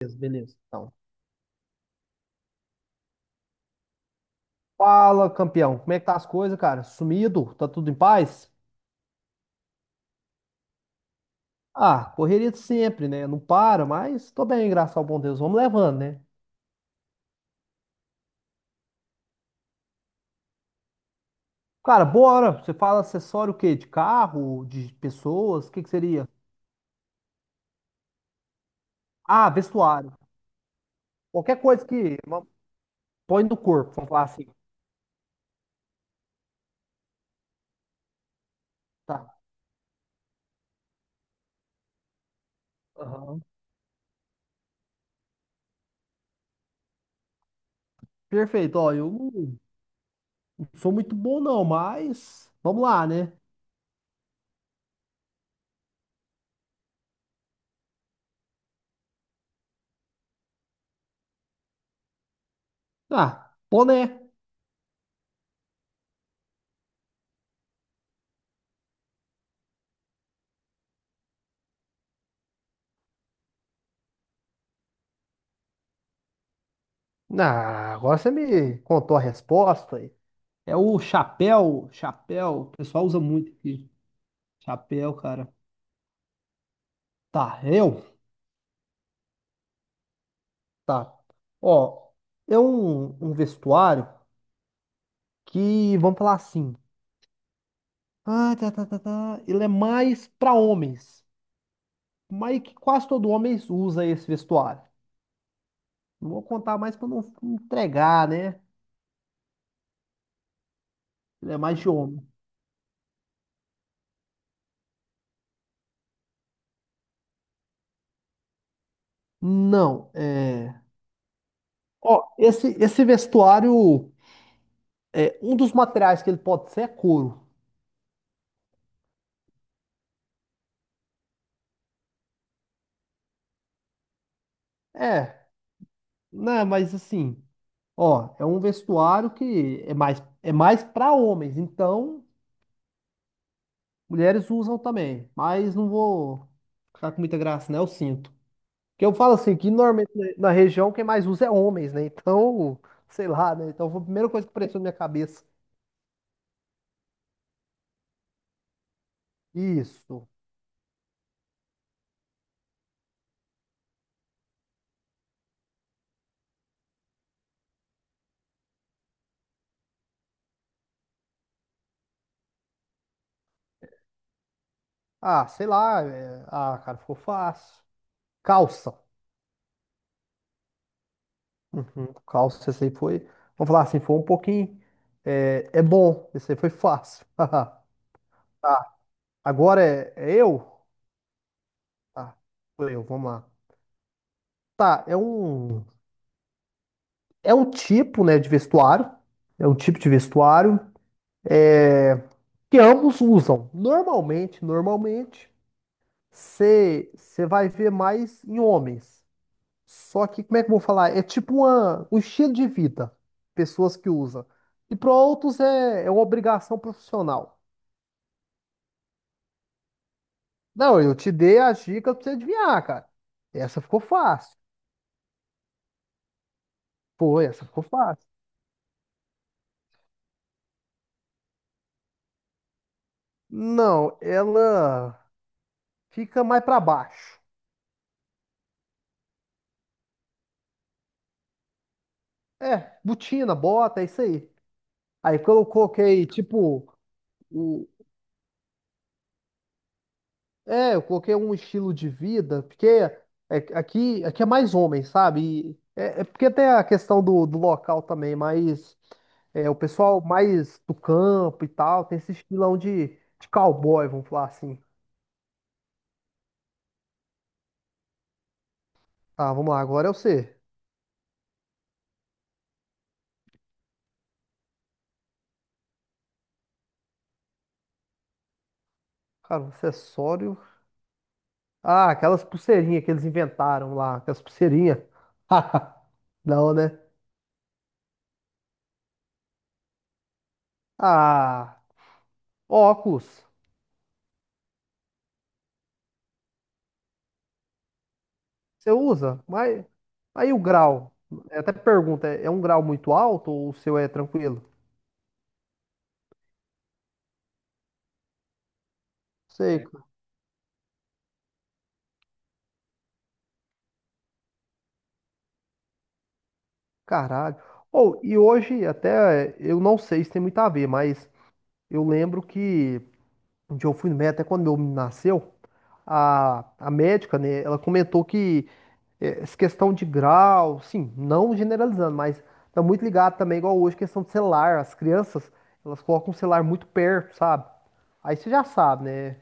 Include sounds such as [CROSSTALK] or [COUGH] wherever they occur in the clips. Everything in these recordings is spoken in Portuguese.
Beleza, beleza. Então, fala, campeão. Como é que tá as coisas, cara? Sumido? Tá tudo em paz? Ah, correria de sempre, né? Não para, mas tô bem, graças ao bom Deus. Vamos levando, né? Cara, bora. Você fala acessório o quê? De carro? De pessoas? O que que seria? Ah, vestuário. Qualquer coisa que põe no corpo, vamos falar assim. Tá. Aham. Perfeito. Ó, eu não sou muito bom, não, mas vamos lá, né? Ah, boné. Ah, agora você me contou a resposta aí. É o chapéu, chapéu, o pessoal usa muito aqui. Chapéu, cara. Tá, eu? Tá. Ó, é um vestuário que, vamos falar assim, ah, tá, ele é mais pra homens, mas que quase todo homem usa esse vestuário. Não vou contar mais pra não entregar, né? Ele é mais de homem. Não. Ó, esse vestuário, é, um dos materiais que ele pode ser é couro. É, né, mas assim. Ó, é um vestuário que é mais para homens, então mulheres usam também, mas não vou ficar com muita graça, né? Eu sinto. Porque eu falo assim, que normalmente na região quem mais usa é homens, né? Então, sei lá, né? Então foi a primeira coisa que apareceu na minha cabeça. Isso. Ah, sei lá. Ah, cara, ficou fácil. Calça. Uhum. Calça, esse aí foi. Vamos falar assim, foi um pouquinho. É bom, esse aí foi fácil. [LAUGHS] Tá, agora é eu? Tá, sou eu, vamos lá. Tá, é um tipo, né, de vestuário. É um tipo de vestuário é, que ambos usam. Normalmente, você vai ver mais em homens. Só que, como é que eu vou falar? É tipo uma, um estilo de vida. Pessoas que usam. E para outros é uma obrigação profissional. Não, eu te dei a dica pra você adivinhar, cara. Essa ficou fácil. Foi, essa ficou fácil. Não, ela. Fica mais pra baixo. É, botina, bota, é isso aí. Aí quando eu coloquei, tipo, o... eu coloquei um estilo de vida, porque aqui é mais homem, sabe? E é porque tem a questão do local também, mas o pessoal mais do campo e tal, tem esse estilão de cowboy, vamos falar assim. Tá, vamos lá, agora é você. Cara, um acessório. Ah, aquelas pulseirinhas que eles inventaram lá, aquelas pulseirinhas. [LAUGHS] Não, né? Ah. Óculos, você usa? Mas aí o grau, eu até pergunta, é um grau muito alto ou o seu é tranquilo? Sei, É. Caralho. Ou e hoje até eu não sei se tem muito a ver, mas eu lembro que um dia eu fui no médico, até quando meu menino nasceu, a médica, né, ela comentou que essa questão de grau, sim, não generalizando, mas tá muito ligado também, igual hoje, questão de celular. As crianças, elas colocam o celular muito perto, sabe? Aí você já sabe, né?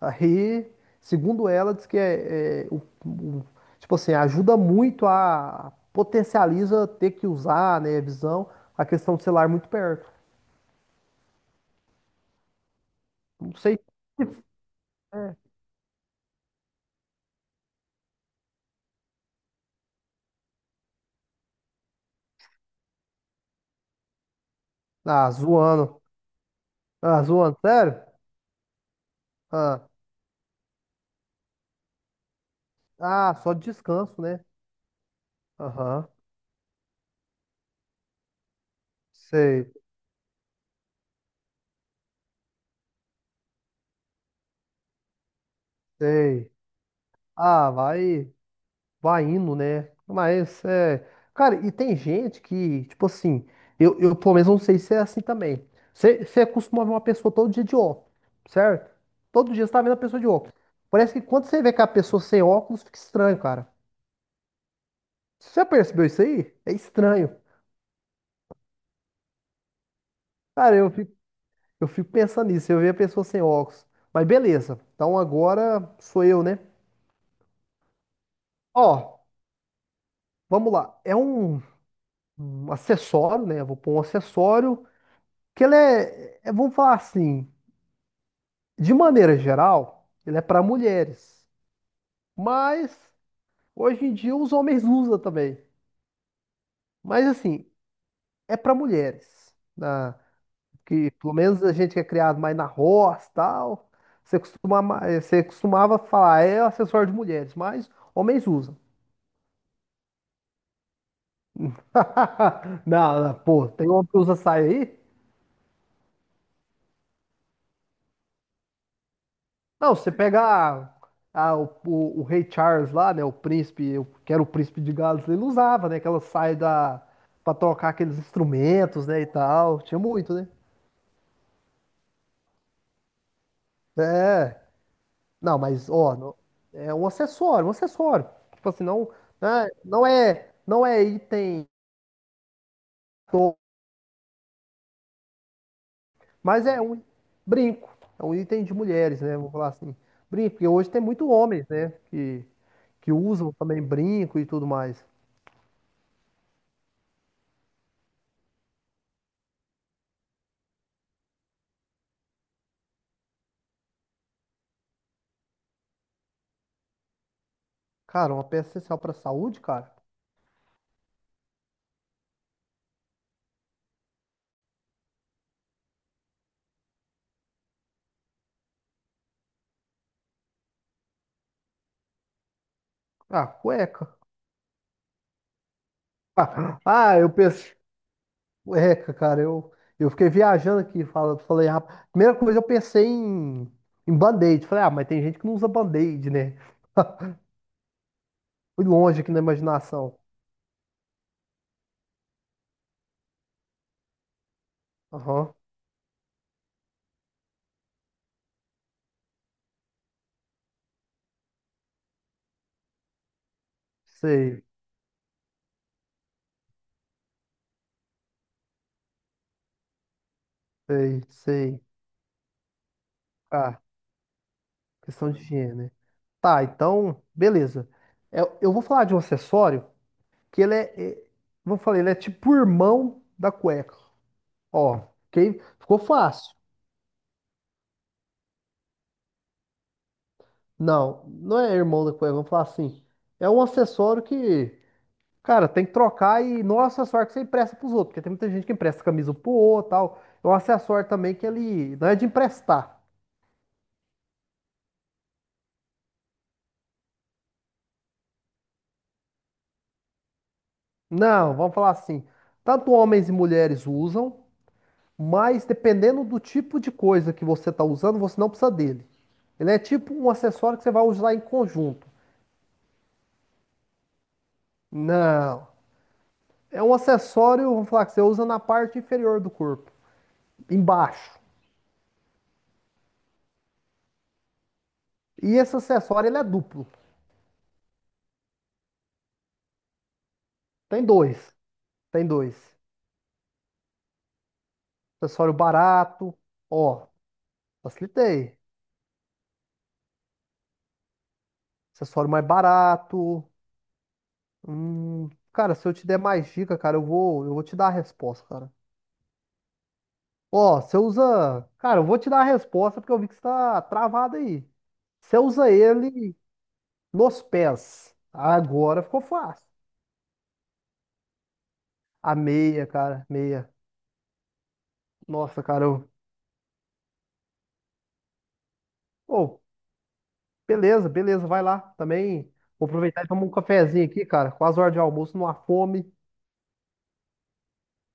Aí, segundo ela, diz que tipo assim, ajuda muito a potencializa ter que usar, né, a visão, a questão do celular muito perto. Não sei. É. Ah, zoando. Ah, zoando, sério? Ah, ah, só descanso, né? Aham. Sei, sei. Ah, vai. Vai indo, né? Mas é. Cara, e tem gente que, tipo assim, eu pelo menos não sei se é assim também. Você costuma ver uma pessoa todo dia de óculos, certo? Todo dia você tá vendo a pessoa de óculos. Parece que quando você vê que a pessoa sem óculos, fica estranho, cara. Você já percebeu isso aí? É estranho. Cara, eu fico pensando nisso, eu vejo a pessoa sem óculos. Mas beleza, então agora sou eu, né? Ó, vamos lá. É um acessório, né? Eu vou pôr um acessório que ele vamos falar assim. De maneira geral, ele é para mulheres. Mas hoje em dia os homens usam também. Mas assim, é para mulheres. Que pelo menos a gente que é criado mais na roça, tal, você costuma, você costumava falar, é acessório de mulheres, mas homens usam. [LAUGHS] Não, não, pô, tem homem que usa saia aí? Não, você pega o rei Charles lá, né? O príncipe, que era o príncipe de Gales, ele usava, né? Aquela saia da, pra tocar aqueles instrumentos, né? E tal. Tinha muito, né? É. Não, mas, ó, é um acessório, um acessório. Tipo assim, não, né, não é item, to- mas é um brinco. É um item de mulheres, né? Vamos falar assim. Brinco, porque hoje tem muito homens, né? Que usam também brinco e tudo mais. Cara, uma peça essencial pra saúde, cara. Ah, cueca. Ah, ah, eu pensei. Cueca, cara. Eu fiquei viajando aqui. Falei, rapaz. Primeira coisa eu pensei em, band-aid. Falei, ah, mas tem gente que não usa band-aid, né? [LAUGHS] Fui longe aqui na imaginação. Aham. Sei, sei, sei. Ah, questão de higiene, né? Tá, então, beleza. Eu vou falar de um acessório que ele é. Vou falar, ele é tipo o irmão da cueca. Ó, ok? Ficou fácil. Não, não é irmão da coisa, vamos falar assim. É um acessório que, cara, tem que trocar e não é um acessório que você empresta pros outros, porque tem muita gente que empresta camisa pro outro e tal. É um acessório também que ele não é de emprestar. Não, vamos falar assim. Tanto homens e mulheres usam, mas dependendo do tipo de coisa que você tá usando, você não precisa dele. Ele é tipo um acessório que você vai usar em conjunto. Não, é um acessório, vamos falar que você usa na parte inferior do corpo, embaixo. E esse acessório ele é duplo. Tem dois. Tem dois. Acessório barato. Ó, facilitei. Acessório mais barato. Cara, se eu te der mais dica, cara, eu vou te dar a resposta, cara. Ó, você usa. Cara, eu vou te dar a resposta porque eu vi que você tá travado aí. Você usa ele nos pés. Agora ficou fácil. A meia, cara, meia. Nossa, cara. Ô, beleza, beleza, vai lá. Também vou aproveitar e tomar um cafezinho aqui, cara. Quase hora de almoço, numa fome.